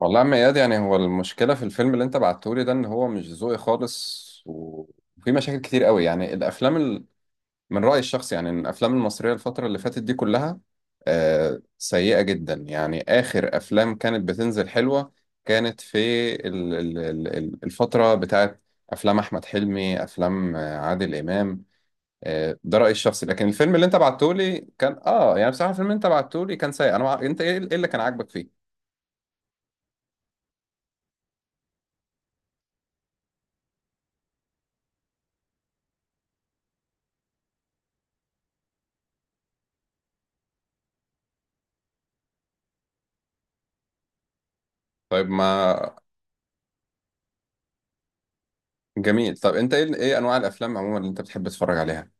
والله يا عم اياد، يعني هو المشكله في الفيلم اللي انت بعتهولي ده ان هو مش ذوقي خالص وفي مشاكل كتير قوي. يعني الافلام من رايي الشخصي، يعني إن الافلام المصريه الفتره اللي فاتت دي كلها سيئه جدا. يعني اخر افلام كانت بتنزل حلوه كانت في الفتره بتاعت افلام احمد حلمي، افلام عادل امام. ده رايي الشخصي. لكن الفيلم اللي انت بعتهولي كان يعني بصراحه الفيلم اللي انت بعتهولي كان سيء. انت إيه اللي كان عاجبك فيه؟ طيب ما جميل. طب انت ايه انواع الافلام عموما اللي انت بتحب تتفرج عليها؟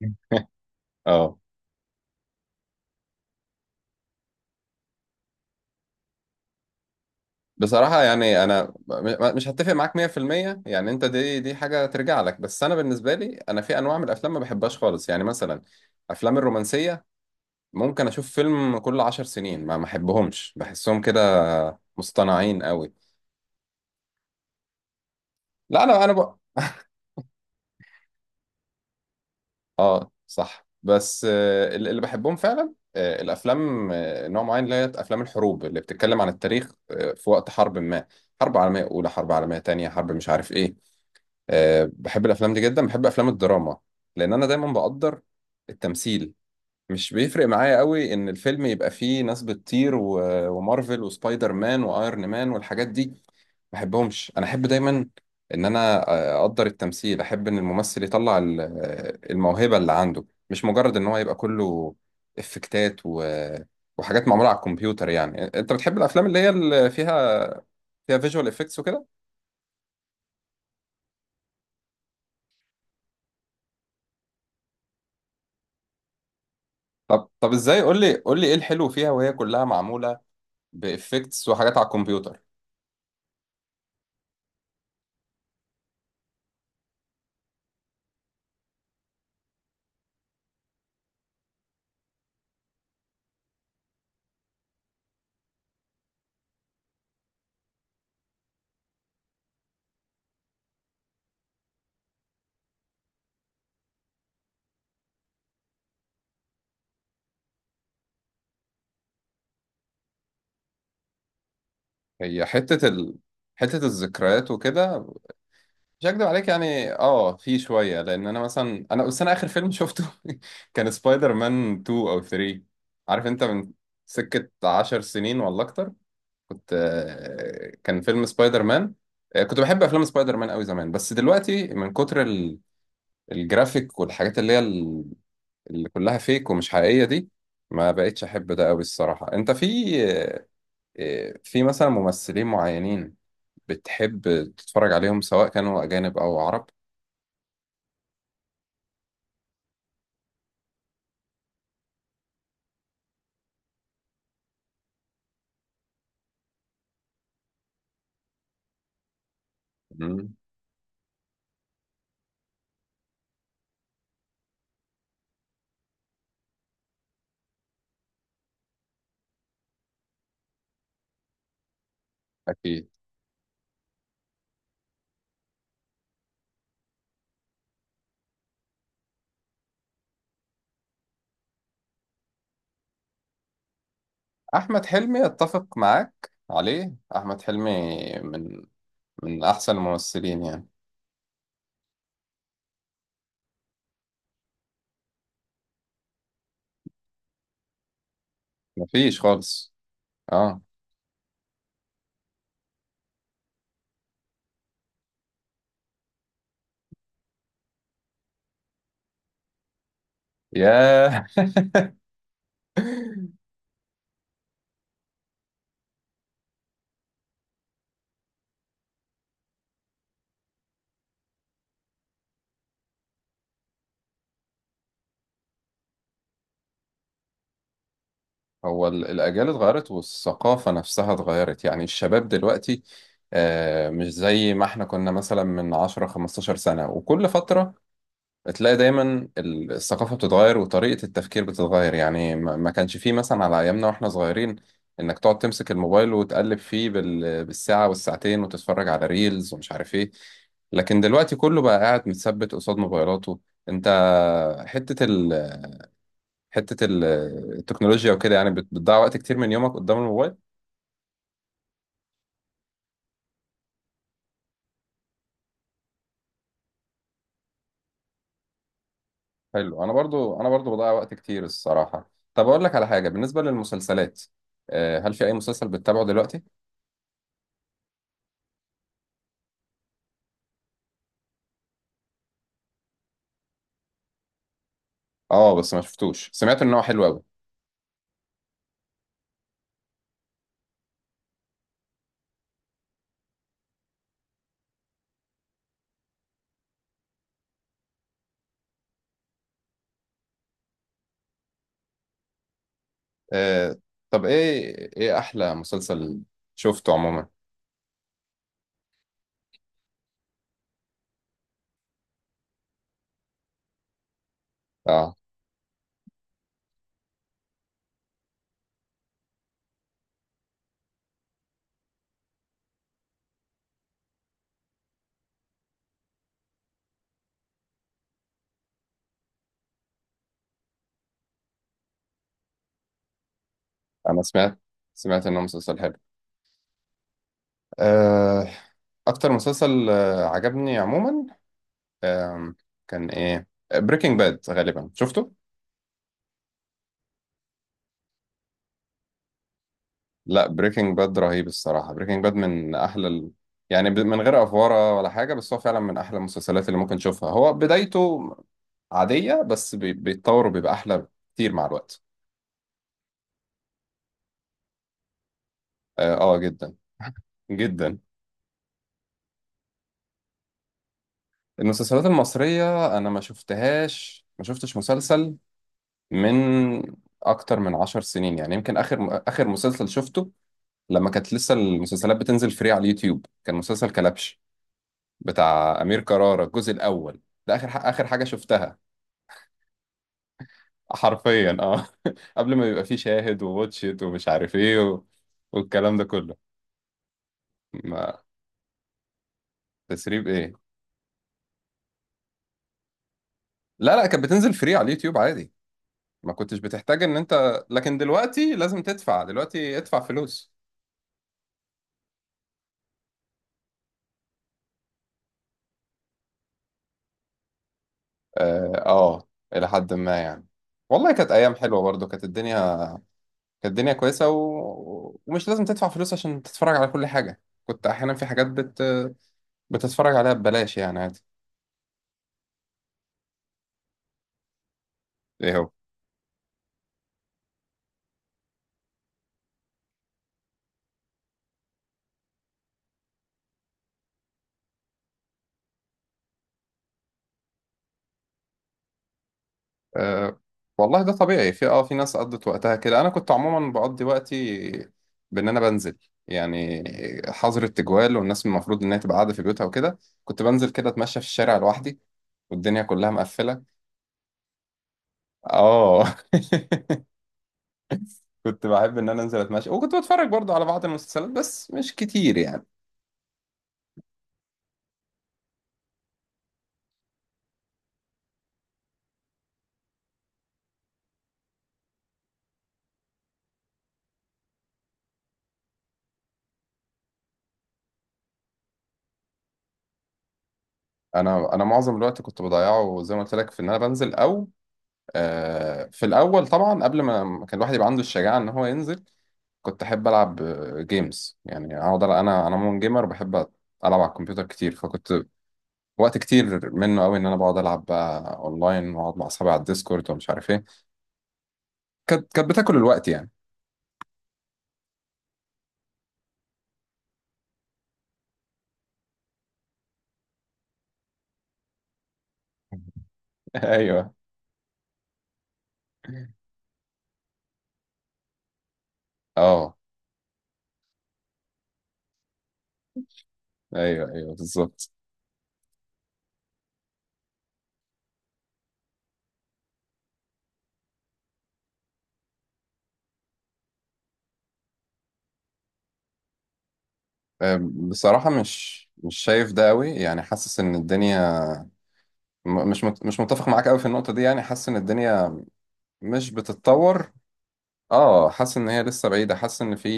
اه بصراحة يعني أنا مش هتفق معاك 100%. يعني أنت دي حاجة ترجع لك، بس أنا بالنسبة لي أنا في أنواع من الأفلام ما بحبهاش خالص. يعني مثلا أفلام الرومانسية ممكن أشوف فيلم كل 10 سنين، ما أحبهمش. بحسهم كده مصطنعين قوي. لا أنا أنا ب... اه، صح. بس اللي بحبهم فعلا الافلام نوع معين، اللي هي افلام الحروب اللي بتتكلم عن التاريخ في وقت حرب ما. حرب عالميه اولى، حرب عالميه تانية، حرب مش عارف ايه. بحب الافلام دي جدا. بحب افلام الدراما، لان انا دايما بقدر التمثيل. مش بيفرق معايا قوي ان الفيلم يبقى فيه ناس بتطير ومارفل وسبايدر مان وايرون مان والحاجات دي، ما احبهمش. انا احب دايما ان انا اقدر التمثيل. احب ان الممثل يطلع الموهبة اللي عنده، مش مجرد ان هو يبقى كله افكتات وحاجات معمولة على الكمبيوتر. يعني انت بتحب الافلام اللي هي اللي فيها فيها فيجوال افكتس وكده؟ طب ازاي؟ قول لي قول لي ايه الحلو فيها، وهي كلها معمولة بافكتس وحاجات على الكمبيوتر؟ هي حتة ال... حتة الذكريات وكده، مش هكدب عليك. يعني في شوية، لأن أنا مثلا أنا بس أنا آخر فيلم شفته كان سبايدر مان 2 أو 3. عارف أنت من سكة 10 سنين ولا أكتر كنت كان فيلم سبايدر مان كنت بحب أفلام سبايدر مان أوي زمان. بس دلوقتي من كتر الجرافيك والحاجات اللي هي اللي كلها فيك ومش حقيقية دي، ما بقتش أحب ده أوي الصراحة. أنت في في مثلا ممثلين معينين بتحب تتفرج عليهم، سواء كانوا أجانب أو عرب؟ أكيد. أحمد حلمي أتفق معاك عليه. أحمد حلمي من من أحسن الممثلين يعني. مفيش خالص. آه. ياه هو الأجيال اتغيرت والثقافة نفسها اتغيرت. يعني الشباب دلوقتي مش زي ما احنا كنا مثلا من 10 15 سنة. وكل فترة تلاقي دايما الثقافة بتتغير وطريقة التفكير بتتغير. يعني ما كانش فيه مثلا على أيامنا وإحنا صغيرين إنك تقعد تمسك الموبايل وتقلب فيه بالساعة والساعتين وتتفرج على ريلز ومش عارف إيه. لكن دلوقتي كله بقى قاعد متثبت قصاد موبايلاته. أنت حتة ال... حتة ال- التكنولوجيا وكده، يعني بتضيع وقت كتير من يومك قدام الموبايل. حلو. أنا برضو بضيع وقت كتير الصراحة. طب أقول لك على حاجة بالنسبة للمسلسلات. هل في أي مسلسل بتتابعه دلوقتي؟ اه، بس ما شفتوش. سمعت ان هو حلو قوي. آه. طب ايه احلى مسلسل شفته عموما؟ اه. انا سمعت. انه مسلسل حلو. آه. اكتر مسلسل عجبني عموما آه كان ايه؟ بريكنج باد غالبا شفته. لا، بريكنج باد رهيب الصراحة. بريكنج باد من يعني من غير افوارة ولا حاجة، بس هو فعلا من احلى المسلسلات اللي ممكن تشوفها. هو بدايته عادية، بس بيتطور وبيبقى احلى كتير مع الوقت. جدا. جدا. المسلسلات المصرية أنا ما شفتهاش. ما شفتش مسلسل من أكتر من 10 سنين. يعني يمكن آخر مسلسل شفته لما كانت لسه المسلسلات بتنزل فري على اليوتيوب، كان مسلسل كلبش بتاع أمير كرارة الجزء الأول. ده آخر حاجة شفتها، حرفيا. اه قبل ما يبقى فيه شاهد وواتشيت ومش عارف ايه والكلام ده كله. ما تسريب ايه؟ لا لا، كانت بتنزل فري على اليوتيوب عادي، ما كنتش بتحتاج ان انت... لكن دلوقتي لازم تدفع. دلوقتي ادفع فلوس. اه، الى حد ما يعني. والله كانت ايام حلوه برضو. كانت الدنيا... كويسه ومش لازم تدفع فلوس عشان تتفرج على كل حاجه. كنت احيانا في حاجات بتتفرج عليها ببلاش، يعني عادي. ايه هو؟ أه... والله ده طبيعي. في في ناس قضت وقتها كده. انا كنت عموما بقضي وقتي بان انا بنزل، يعني حظر التجوال والناس المفروض انها تبقى قاعده في بيوتها وكده، كنت بنزل كده اتمشى في الشارع لوحدي والدنيا كلها مقفله. اه كنت بحب ان انا انزل اتمشى، وكنت بتفرج برضه على بعض المسلسلات بس مش كتير يعني. انا معظم الوقت كنت بضيعه زي ما قلت لك في ان انا بنزل. او في الاول طبعا، قبل ما كان الواحد يبقى عنده الشجاعه ان هو ينزل، كنت احب العب جيمز. يعني اقعد انا مون جيمر وبحب العب على الكمبيوتر كتير. فكنت وقت كتير منه قوي ان انا بقعد العب بقى اونلاين واقعد مع اصحابي على الديسكورد ومش عارف ايه. كانت بتاكل الوقت يعني. ايوه. اه، ايوه، ايوه، بالظبط. بصراحة مش شايف ده قوي. يعني حاسس ان الدنيا... مش متفق معاك قوي في النقطة دي. يعني حاسس ان الدنيا مش بتتطور. اه، حاسس ان هي لسه بعيدة. حاسس ان في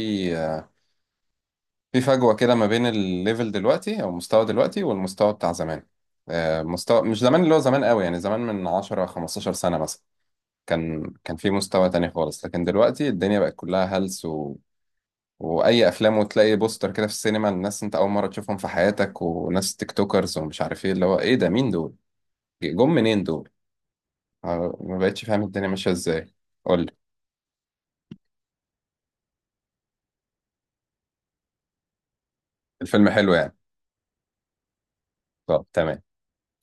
فجوة كده ما بين الليفل دلوقتي او المستوى دلوقتي والمستوى بتاع زمان. مستوى مش زمان اللي هو زمان قوي، يعني زمان من 10 15 سنة مثلا. كان في مستوى تاني خالص. لكن دلوقتي الدنيا بقت كلها هلس، واي افلام، وتلاقي بوستر كده في السينما، الناس انت اول مره تشوفهم في حياتك. وناس تيك توكرز ومش عارف ايه اللي هو، ايه ده؟ مين دول؟ جم منين دول؟ ما بقتش فاهم الدنيا ماشيه ازاي. قول لي. الفيلم حلو يعني؟ طب تمام.